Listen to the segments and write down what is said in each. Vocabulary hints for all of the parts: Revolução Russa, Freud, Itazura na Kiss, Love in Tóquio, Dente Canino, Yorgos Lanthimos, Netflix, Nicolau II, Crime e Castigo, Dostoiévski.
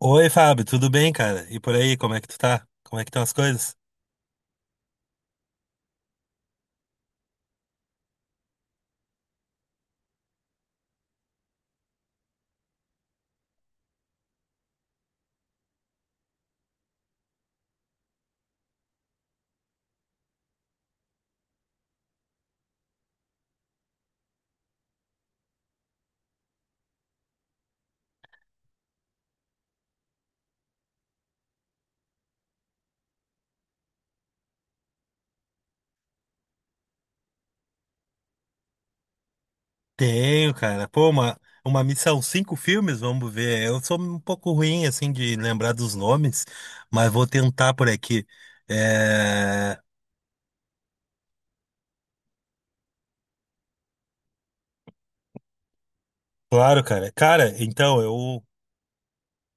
Oi, Fábio, tudo bem, cara? E por aí, como é que tu tá? Como é que estão as coisas? Tenho, cara. Pô, uma missão, cinco filmes, vamos ver. Eu sou um pouco ruim, assim, de lembrar dos nomes, mas vou tentar por aqui. É... Claro, cara. Cara, então,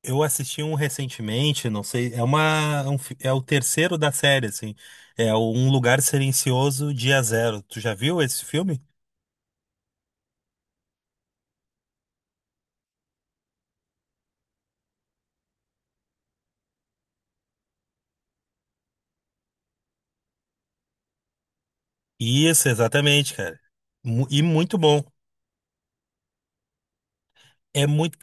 eu assisti um recentemente, não sei, é é um é o terceiro da série, assim. É o Um Lugar Silencioso, Dia Zero. Tu já viu esse filme? Isso, exatamente, cara. E muito bom. É muito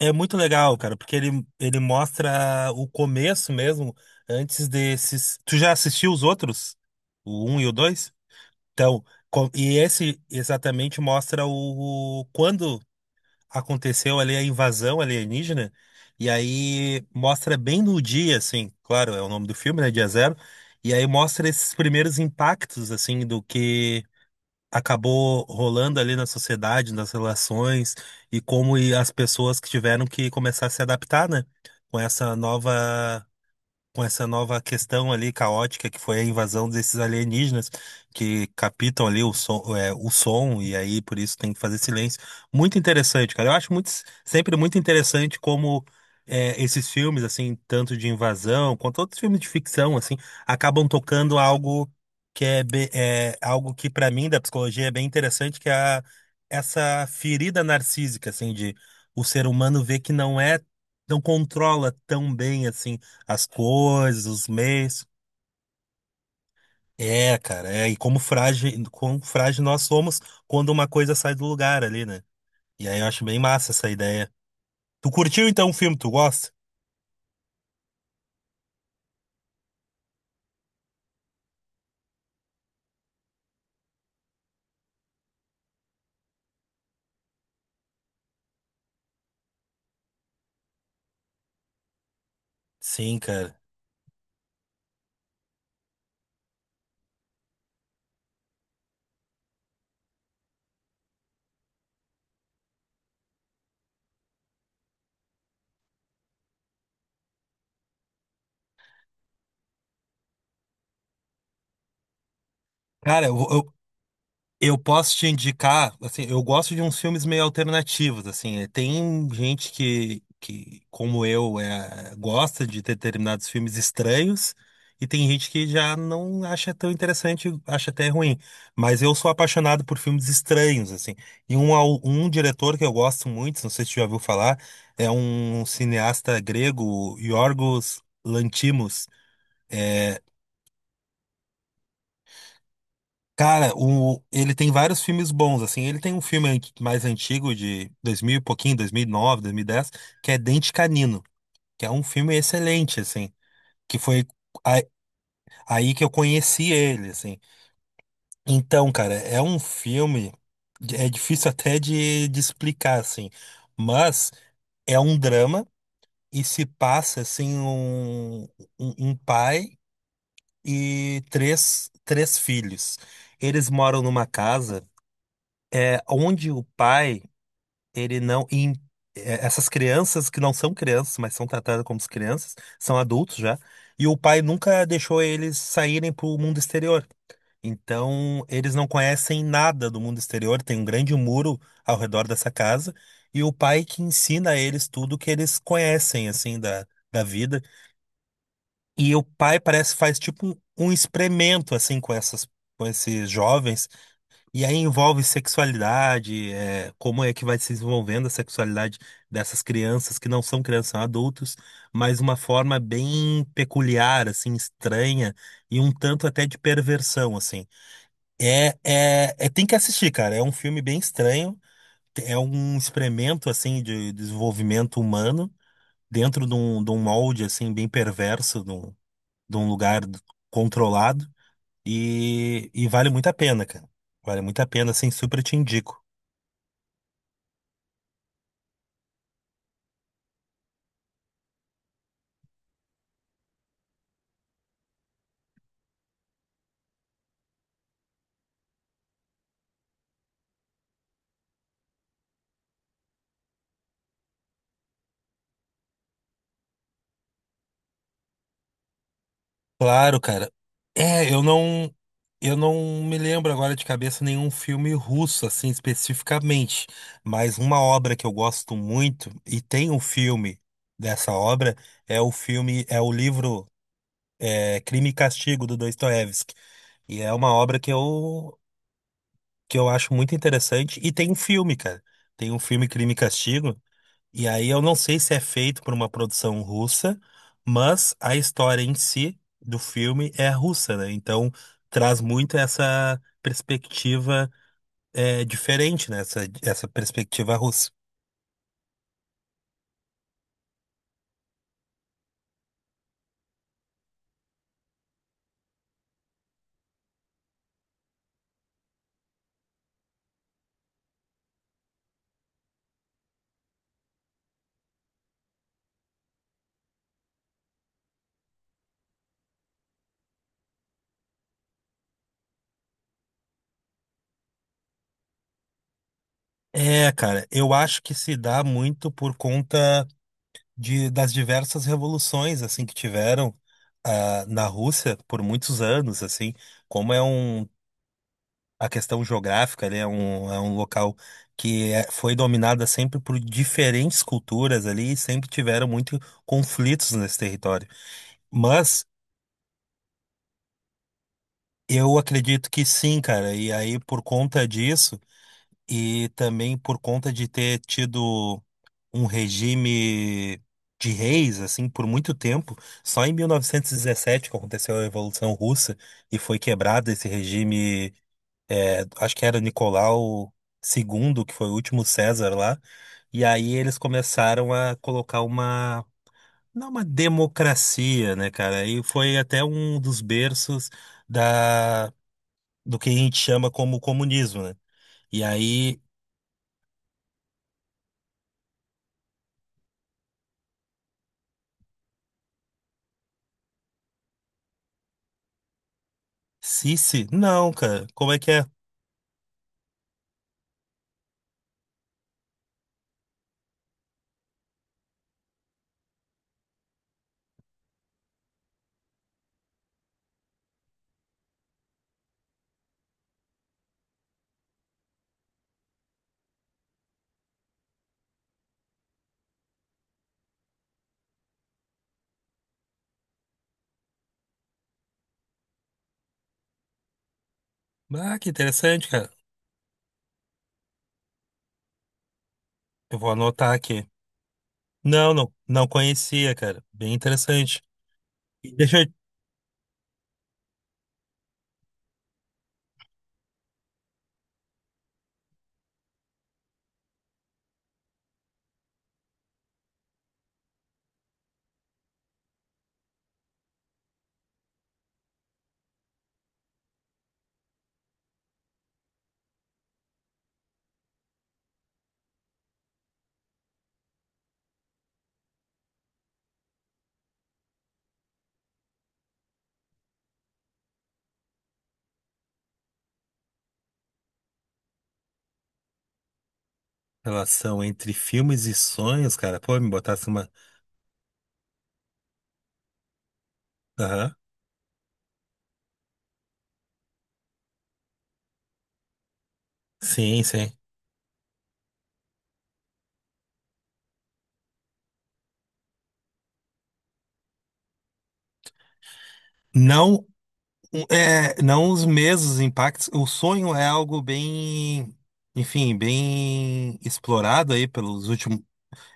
É muito legal, cara, porque ele mostra o começo mesmo, antes desses. Tu já assistiu os outros? O um e o 2? Então, e esse exatamente mostra o- quando aconteceu ali a invasão alienígena, e aí mostra bem no dia, assim, claro, é o nome do filme, né? Dia Zero, e aí mostra esses primeiros impactos, assim, do que acabou rolando ali na sociedade, nas relações e como e as pessoas que tiveram que começar a se adaptar, né? Com essa nova com essa nova questão ali caótica que foi a invasão desses alienígenas que captam ali o som, é, o som e aí por isso tem que fazer silêncio. Muito interessante, cara. Sempre muito interessante como é, esses filmes, assim, tanto de invasão quanto outros filmes de ficção, assim, acabam tocando algo que é, é algo que para mim da psicologia é bem interessante, que é essa ferida narcísica, assim, de o ser humano ver que não controla tão bem assim as coisas, os meios. É, cara, é, e como frágil nós somos quando uma coisa sai do lugar ali, né? E aí eu acho bem massa essa ideia. Tu curtiu então o filme, tu gosta? Sim, cara. Cara, eu posso te indicar, assim, eu gosto de uns filmes meio alternativos, assim, eh, tem gente que como eu, é, gosta de ter determinados filmes estranhos, e tem gente que já não acha tão interessante, acha até ruim, mas eu sou apaixonado por filmes estranhos, assim, e um diretor que eu gosto muito, não sei se você já ouviu falar, é um cineasta grego, Yorgos Lanthimos, eh, cara, ele tem vários filmes bons, assim. Ele tem um filme mais antigo, de 2000 e pouquinho, 2009, dez que é Dente Canino, que é um filme excelente, assim. Que foi a- aí que eu conheci ele, assim. Então, cara, é um filme. É difícil até de explicar, assim. Mas é um drama e se passa, assim, um pai e três filhos. Eles moram numa casa. É, onde o pai, ele não. e, é, essas crianças que não são crianças, mas são tratadas como crianças, são adultos já, e o pai nunca deixou eles saírem para o mundo exterior. Então, eles não conhecem nada do mundo exterior, tem um grande muro ao redor dessa casa, e o pai que ensina a eles tudo que eles conhecem, assim, da vida. E o pai parece que faz tipo um, um experimento, assim, com com esses jovens e aí envolve sexualidade, é, como é que vai se desenvolvendo a sexualidade dessas crianças que não são crianças, são adultos, mas uma forma bem peculiar, assim, estranha e um tanto até de perversão, assim. É- tem que assistir, cara. É um filme bem estranho, é um experimento, assim, de desenvolvimento humano dentro de de um molde, assim, bem perverso, de um lugar controlado e vale muito a pena, cara. Vale muito a pena, assim, super te indico. Claro, cara. É, eu não me lembro agora de cabeça nenhum filme russo, assim, especificamente. Mas uma obra que eu gosto muito, e tem um filme dessa obra, é o é o livro é, Crime e Castigo, do Dostoiévski. E é uma obra que eu acho muito interessante. E tem um filme, cara. Tem um filme Crime e Castigo. E aí eu não sei se é feito por uma produção russa, mas a história em si do filme é russa, né? Então traz muito essa perspectiva é, diferente, né? Essa perspectiva russa. É, cara, eu acho que se dá muito por conta de, das diversas revoluções assim que tiveram ah, na Rússia por muitos anos, assim, como é um a questão geográfica, ele é é um local foi dominada sempre por diferentes culturas ali e sempre tiveram muito conflitos nesse território. Mas eu acredito que sim, cara, e aí por conta disso e também por conta de ter tido um regime de reis, assim, por muito tempo, só em 1917 que aconteceu a Revolução Russa e foi quebrado esse regime, é, acho que era Nicolau II, que foi o último César lá. E aí eles começaram a colocar uma, não uma democracia, né, cara? E foi até um dos berços da, do que a gente chama como comunismo, né? E aí, Sisi, não, cara, como é que é? Ah, que interessante, cara. Eu vou anotar aqui. Não, não conhecia, cara. Bem interessante. E deixa eu... Relação entre filmes e sonhos, cara. Pô, me botasse uma... Aham. Sim, sim. Não É, não os mesmos impactos. O sonho é algo bem, enfim, bem explorado aí pelos últimos.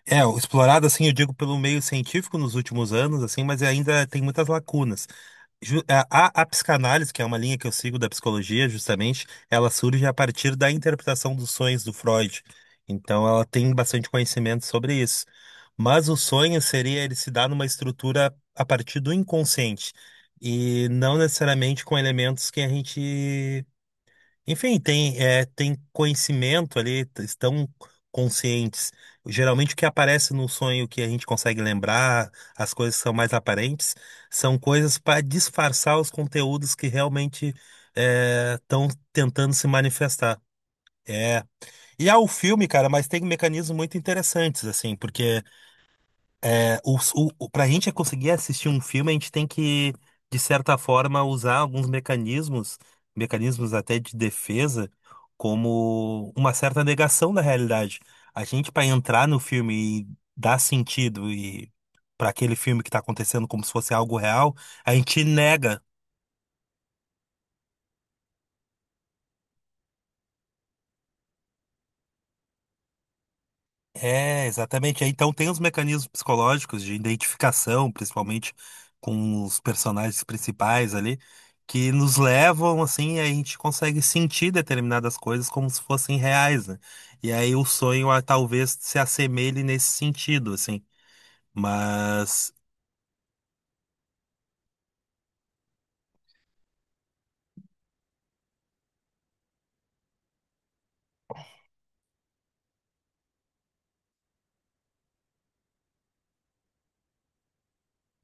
É, explorado assim, eu digo pelo meio científico nos últimos anos, assim, mas ainda tem muitas lacunas. Ju- A, a psicanálise, que é uma linha que eu sigo da psicologia, justamente, ela surge a partir da interpretação dos sonhos do Freud. Então, ela tem bastante conhecimento sobre isso. Mas o sonho seria ele se dar numa estrutura a partir do inconsciente e não necessariamente com elementos que a gente enfim, tem, é, tem conhecimento ali, estão conscientes. Geralmente o que aparece no sonho que a gente consegue lembrar, as coisas que são mais aparentes, são coisas para disfarçar os conteúdos que realmente estão tentando se manifestar. É. E há o filme, cara, mas tem mecanismos muito interessantes, assim, porque é, o, para a gente conseguir assistir um filme, a gente tem que, de certa forma, usar alguns mecanismos, mecanismos até de defesa, como uma certa negação da realidade. A gente, para entrar no filme e dar sentido e para aquele filme que está acontecendo como se fosse algo real, a gente nega. É, exatamente. Aí, então tem os mecanismos psicológicos de identificação, principalmente com os personagens principais ali, que nos levam assim, e a gente consegue sentir determinadas coisas como se fossem reais, né? E aí o sonho ah, talvez se assemelhe nesse sentido, assim. Mas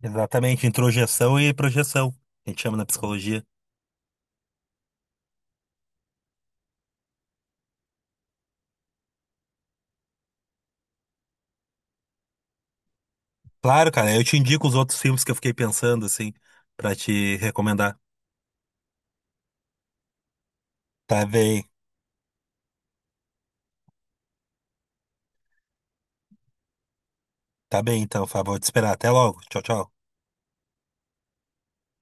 exatamente, introjeção e projeção, a gente chama na psicologia. Claro, cara, eu te indico os outros filmes que eu fiquei pensando, assim, pra te recomendar. Tá bem, tá bem então, Fábio, vou te esperar. Até logo. Tchau, tchau.